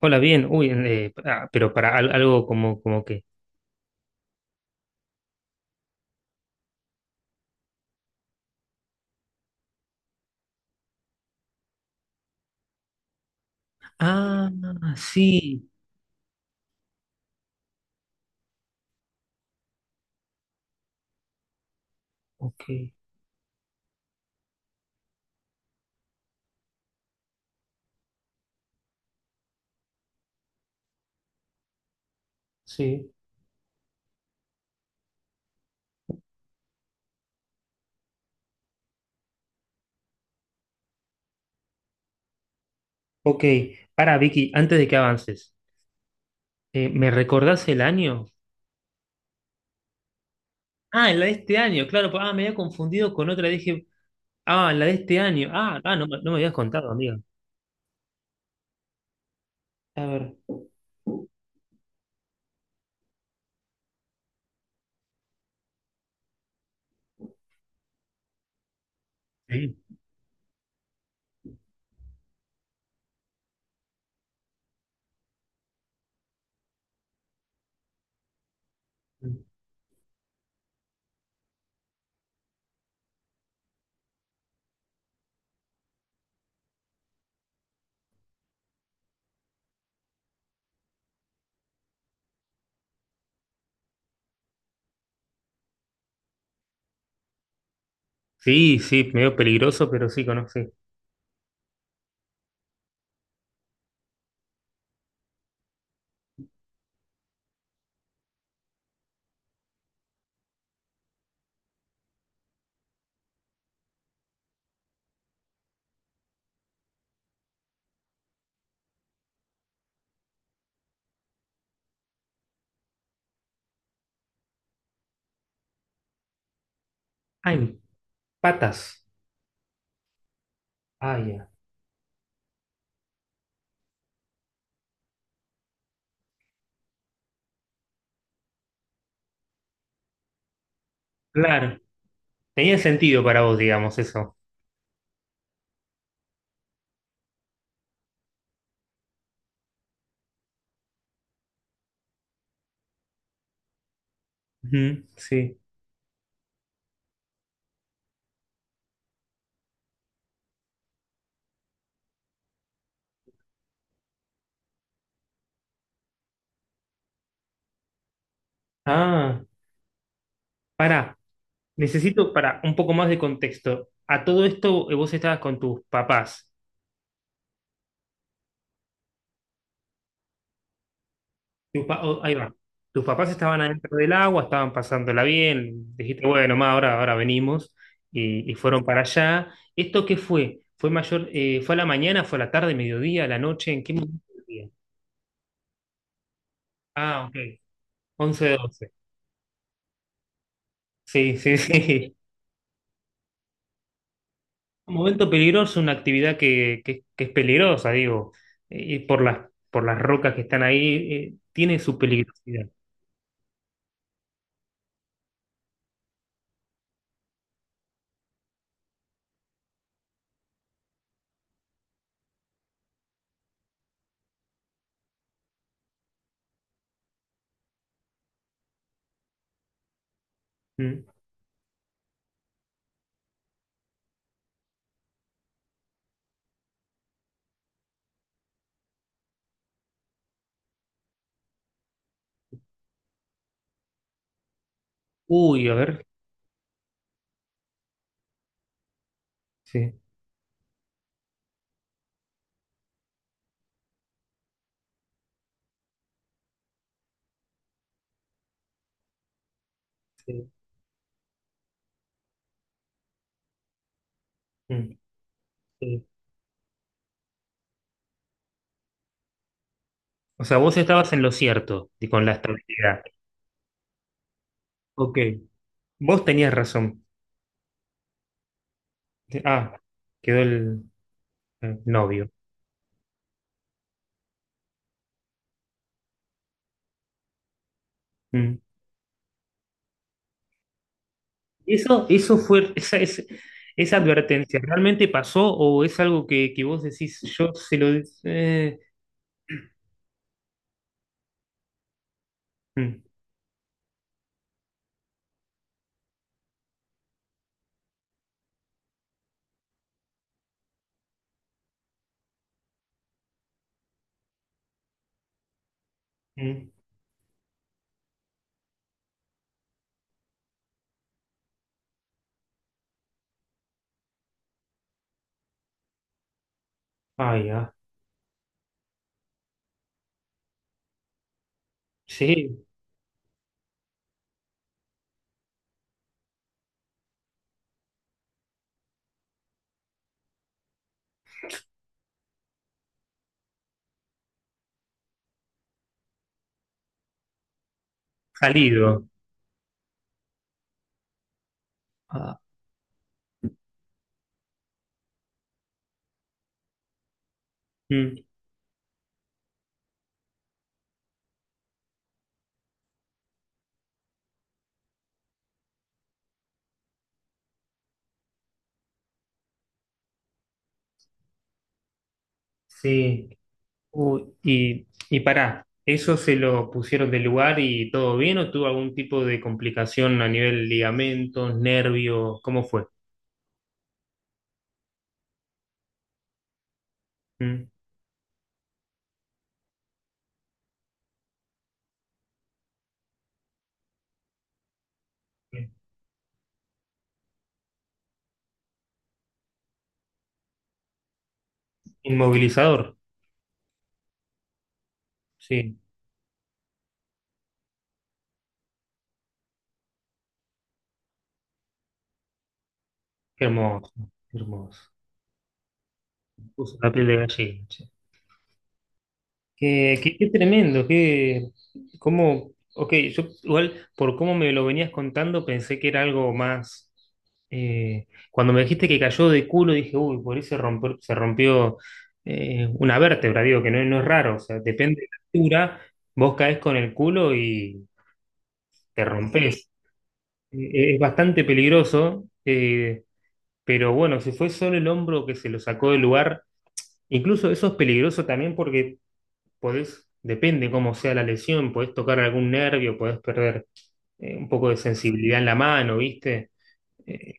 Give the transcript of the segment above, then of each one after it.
Hola, bien. Pero para algo como que. Ah, sí. Ok, sí. Ok. Para, Vicky, antes de que avances, ¿me recordás el año? Ah, la de este año, claro. Ah, me había confundido con otra. Dije, ah, la de este año. No, no me habías contado, amiga. A ver. Sí. Sí, sí, medio peligroso, pero sí conocí. Ah, en patas. Ah, ya. Claro, tenía sentido para vos, digamos, eso. Ujú, sí. Ah, pará, necesito para un poco más de contexto. A todo esto vos estabas con tus papás. Oh, ahí va. Tus papás estaban adentro del agua, estaban pasándola bien. Dijiste, bueno, ma, ahora venimos. Y fueron para allá. ¿Esto qué fue? ¿Fue mayor, fue a la mañana, fue a la tarde, mediodía, a la noche? ¿En qué momento del día? Ah, ok. 11 de 12. Sí, sí, sí. Un momento peligroso, una actividad que es peligrosa, digo, y por por las rocas que están ahí, tiene su peligrosidad. Mm. Uy, a ver. Sí, sí, mm, sí. O sea, vos estabas en lo cierto y con la estabilidad. Ok, vos tenías razón. Ah, quedó el, el novio. Mm. Eso fue, esa advertencia, ¿realmente pasó o es algo que vos decís, yo se lo... mm, mm. Ay, ah, sí. Salido. Ah, mm, sí. Uy. Y pará, ¿eso se lo pusieron del lugar y todo bien o tuvo algún tipo de complicación a nivel ligamentos, nervios? ¿Cómo fue? Mm. Inmovilizador. Sí, qué hermoso, qué hermoso. Me puso la piel de gallina. Qué tremendo, qué, cómo, ok, yo igual por cómo me lo venías contando pensé que era algo más, cuando me dijiste que cayó de culo dije, uy, por eso se rompió, se rompió una vértebra, digo, que no, no es raro, o sea, depende de la altura, vos caes con el culo y te rompes. Es bastante peligroso, pero bueno, si fue solo el hombro que se lo sacó del lugar, incluso eso es peligroso también porque podés, depende cómo sea la lesión, podés tocar algún nervio, podés perder un poco de sensibilidad en la mano, ¿viste? Eh,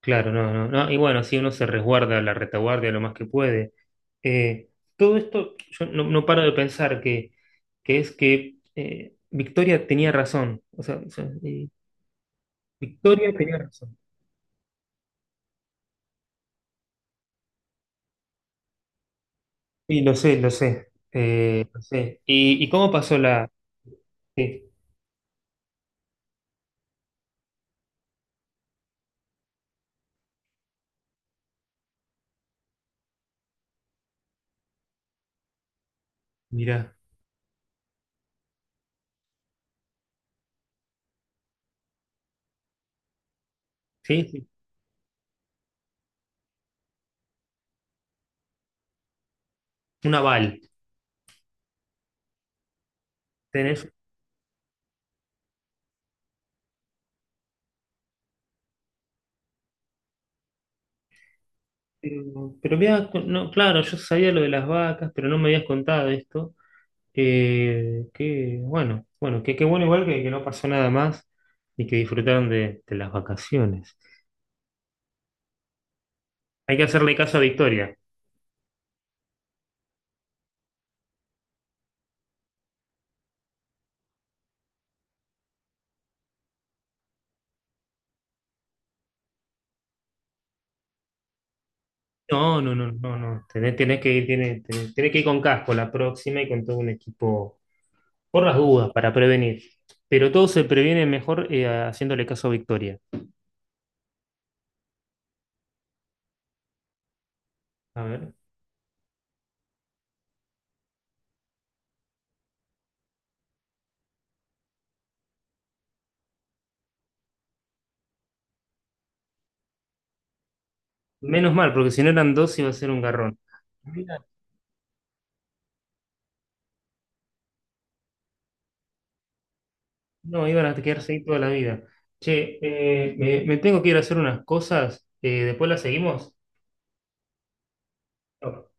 claro, no, no, no. Y bueno, sí, uno se resguarda la retaguardia lo más que puede. Eh, Todo esto, yo no, no paro de pensar que es que Victoria tenía razón. O sea, Victoria tenía razón. Sí, lo sé, lo sé. Lo sé. Y cómo pasó la...? Sí, mirá, sí, sí, un aval. Tenés. Pero, no, claro, yo sabía lo de las vacas, pero no me habías contado esto. Bueno, que qué bueno igual que no pasó nada más y que disfrutaron de las vacaciones. Hay que hacerle caso a Victoria. No, no, no, no, no. Tenés que ir, tenés que ir con casco la próxima y con todo un equipo por las dudas para prevenir. Pero todo se previene mejor haciéndole caso a Victoria. A ver. Menos mal, porque si no eran dos iba a ser un garrón. No, iban a quedarse ahí toda la vida. Che, me tengo que ir a hacer unas cosas. Después las seguimos. No.